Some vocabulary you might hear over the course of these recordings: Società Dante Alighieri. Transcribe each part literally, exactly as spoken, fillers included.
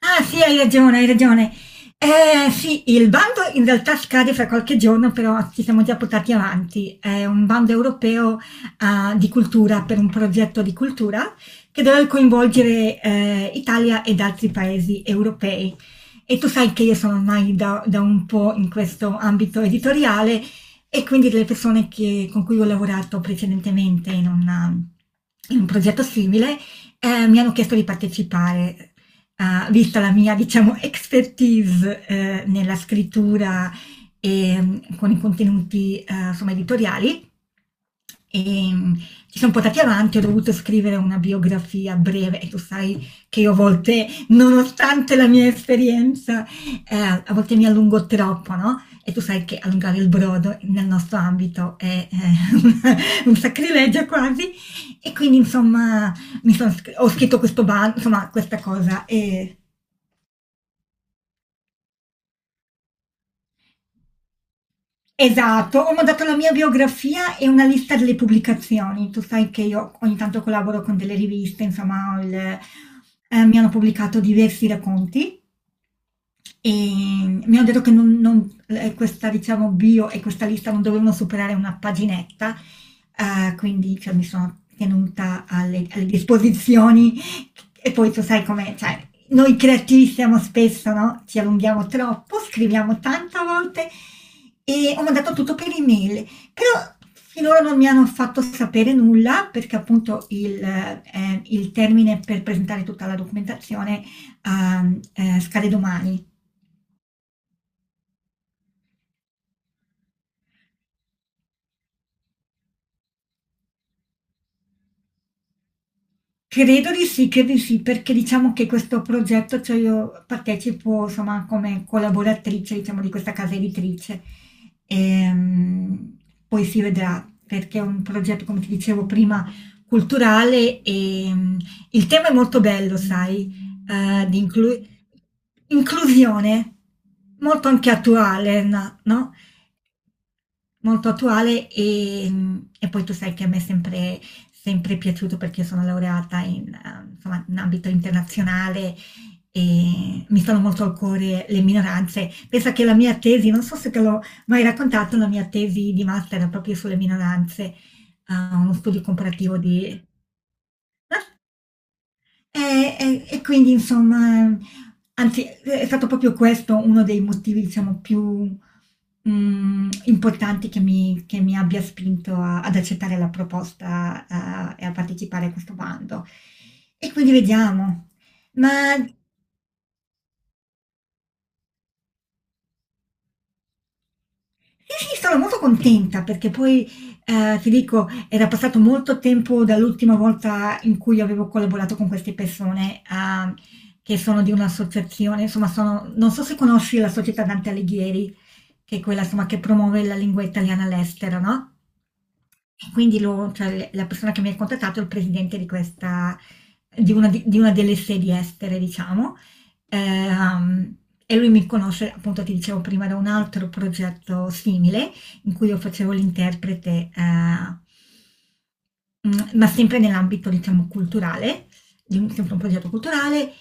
Ah sì, hai ragione, hai ragione. Eh sì, il bando in realtà scade fra qualche giorno, però ci siamo già portati avanti. È un bando europeo, ah, di cultura, per un progetto di cultura che deve coinvolgere, eh, Italia ed altri paesi europei. E tu sai che io sono ormai da, da un po' in questo ambito editoriale e quindi delle persone che- con cui ho lavorato precedentemente in una- in un progetto simile, eh, mi hanno chiesto di partecipare. Ha visto la mia, diciamo, expertise, eh, nella scrittura e, mh, con i contenuti, eh, insomma, editoriali. E, mh, ci sono portati avanti, ho dovuto scrivere una biografia breve e tu sai che io a volte, nonostante la mia esperienza, eh, a volte mi allungo troppo, no? E tu sai che allungare il brodo nel nostro ambito è, eh, un un sacrilegio quasi. E quindi, insomma, mi sono scr- ho scritto questo bando, insomma, questa cosa. E... Esatto, ho mandato la mia biografia e una lista delle pubblicazioni. Tu sai che io ogni tanto collaboro con delle riviste, insomma, ho il- eh, mi hanno pubblicato diversi racconti. Ehm, mi hanno detto che non non ehm, questa diciamo bio e questa lista non dovevano superare una paginetta, ehm, quindi cioè mi sono tenuta alle alle disposizioni, e poi tu sai com'è, cioè noi creativi siamo spesso, no, ci allunghiamo troppo, scriviamo tanto a volte, e ho mandato tutto per email, però finora non mi hanno fatto sapere nulla perché appunto il, ehm, il termine per presentare tutta la documentazione, uhm, ehm, eh, scade domani. Credo di sì, credo di sì, perché diciamo che questo progetto, cioè io partecipo insomma come collaboratrice diciamo di questa casa editrice. Ehm, Poi si vedrà perché è un progetto, come ti dicevo prima, culturale e, mm, il tema è molto bello, sai, eh, di inclu- inclusione, molto anche attuale, no? No? Molto attuale e, mhmm, e poi tu sai che a me è sempre sempre piaciuto perché io sono laureata in, uhm, insomma in ambito internazionale, e mi stanno molto al cuore le minoranze. Pensa che la mia tesi, non so se te l'ho mai raccontato, la mia tesi di master era proprio sulle minoranze, uhm, uno studio comparativo di e e e quindi insomma, ehm, anzi è stato proprio questo uno dei motivi diciamo più, mhmm, importanti, che mi che mi abbia spinto a ad accettare la proposta, uhm, e a partecipare a questo bando. E quindi vediamo. Ma sì, sì, sono molto contenta perché poi, ehm, ti dico, era passato molto tempo dall'ultima volta in cui avevo collaborato con queste persone, ehm, che sono di un'associazione, insomma sono, non so se conosci la Società Dante Alighieri, che è quella insomma, che promuove la lingua italiana all'estero, no? E quindi lo- cioè, la persona che mi ha contattato è il presidente di questa, di una, di- di una delle sedi estere, diciamo. Ehm, e lui mi conosce, appunto ti dicevo prima, da un altro progetto simile in cui io facevo l'interprete, eh, Mm, ma sempre nell'ambito, diciamo, culturale, di un, sempre un progetto culturale,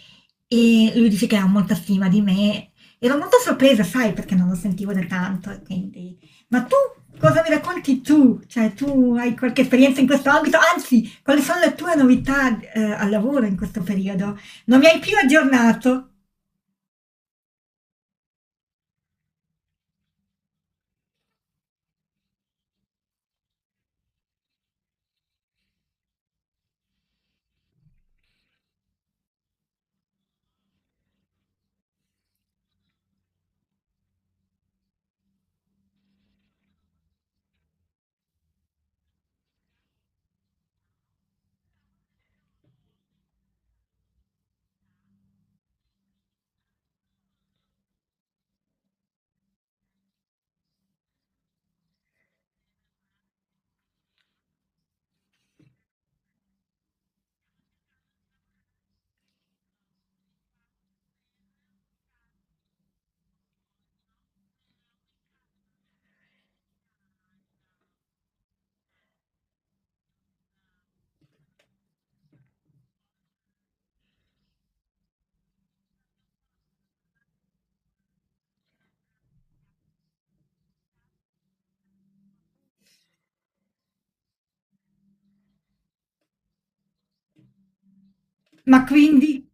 e lui dice che ha molta stima di me. Ero molto sorpresa, sai, perché non lo sentivo da tanto, e quindi... Ma tu, cosa mi racconti tu? Cioè, tu hai qualche esperienza in questo ambito? Anzi, quali sono le tue novità, eh, al lavoro in questo periodo? Non mi hai più aggiornato, ma quindi,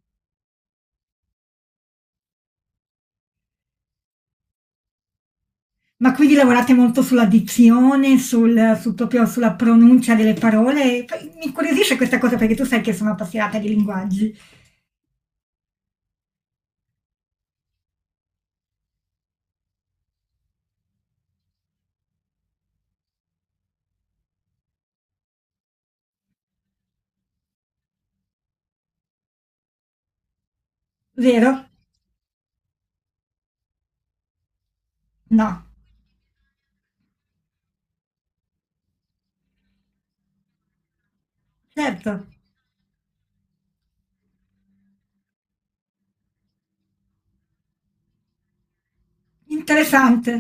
ma quindi lavorate molto sulla dizione, sul, sul proprio, sulla pronuncia delle parole? Mi incuriosisce questa cosa perché tu sai che sono appassionata di linguaggi, vero? No, certo, interessante.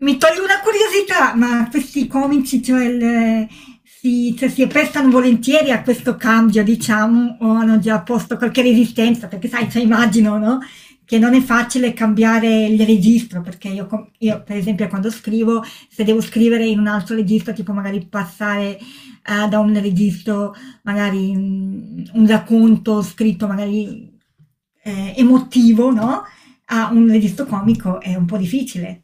Mi toglie una curiosità, ma questi comici, cioè, il- si, cioè, si prestano volentieri a questo cambio, diciamo, o hanno già posto qualche resistenza, perché sai, cioè, immagino, no? Che non è facile cambiare il registro, perché io, com- io, per esempio, quando scrivo, se devo scrivere in un altro registro, tipo magari passare, eh, da un registro, magari, mm, un racconto scritto magari, eh, emotivo, no? A un registro comico è un po' difficile.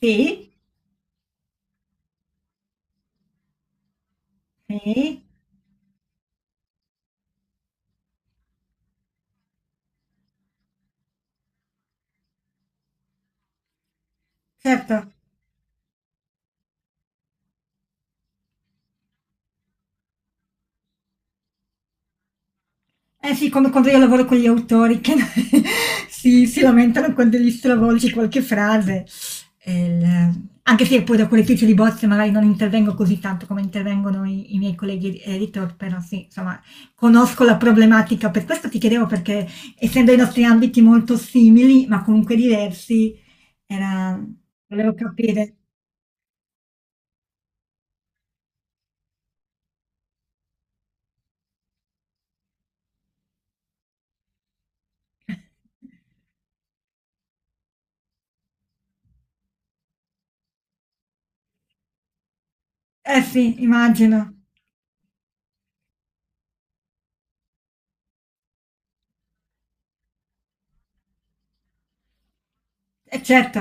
Sì, sì, certo. Eh sì, come quando io lavoro con gli autori che si, si lamentano quando gli stravolgi qualche frase. E il- anche se poi da correttrice di bozze magari non intervengo così tanto come intervengono i, i miei colleghi editor, però sì, insomma, conosco la problematica. Per questo ti chiedevo perché, essendo i nostri ambiti molto simili, ma comunque diversi, era... volevo capire. Eh sì, immagino. E certo.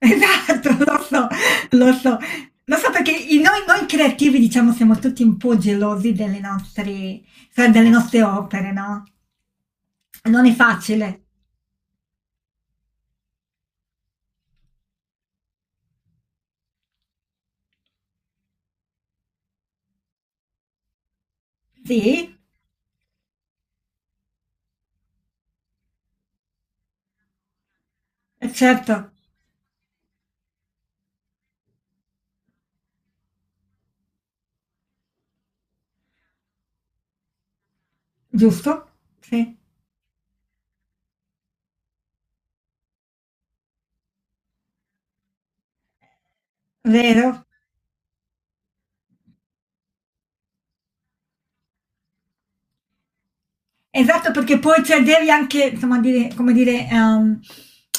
Esatto, lo so, lo so. Lo so perché i- noi, noi creativi, diciamo, siamo tutti un po' gelosi delle nostre, cioè, delle nostre opere, no? Non è facile. Sì, eh, certo, giusto, sì, vero. Esatto, perché poi cioè, devi anche, insomma, dire, come dire, ehm,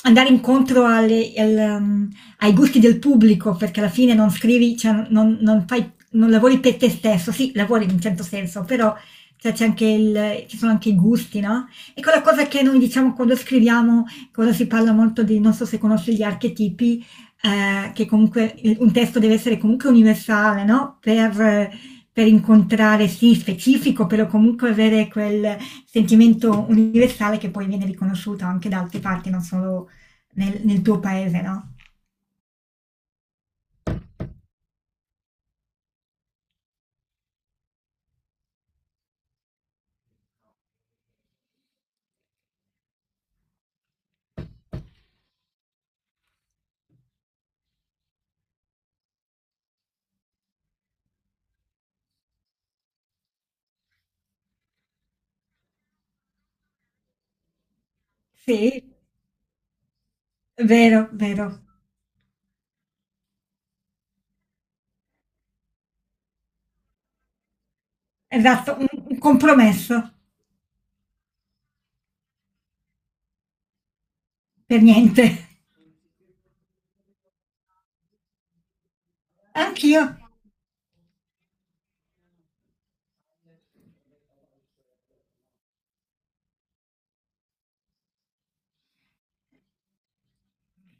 andare incontro alle- al, ehm, ai gusti del pubblico, perché alla fine non scrivi, cioè, non, non fai, non lavori per te stesso, sì, lavori in un certo senso, però cioè, c'è anche il, ci sono anche i gusti, no? E quella cosa che noi diciamo quando scriviamo, quando si parla molto di, non so se conosci gli archetipi, eh, che comunque il- un testo deve essere comunque universale, no? Per, eh, per incontrare, sì, specifico, però comunque avere quel sentimento universale che poi viene riconosciuto anche da altre parti, non solo nel, nel tuo paese, no? Sì, vero, vero. Esatto, un, un compromesso per niente. Anch'io.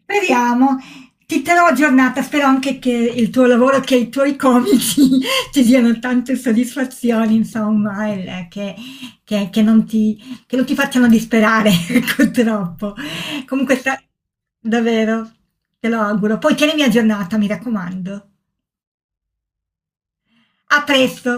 Speriamo. Ti terrò aggiornata, spero anche che il tuo lavoro, che i tuoi comici ti diano tante soddisfazioni, insomma, e che, che- che non ti, che non ti facciano disperare, ecco, troppo. Comunque, sta- davvero, te lo auguro. Poi tienimi aggiornata, mi raccomando. A presto!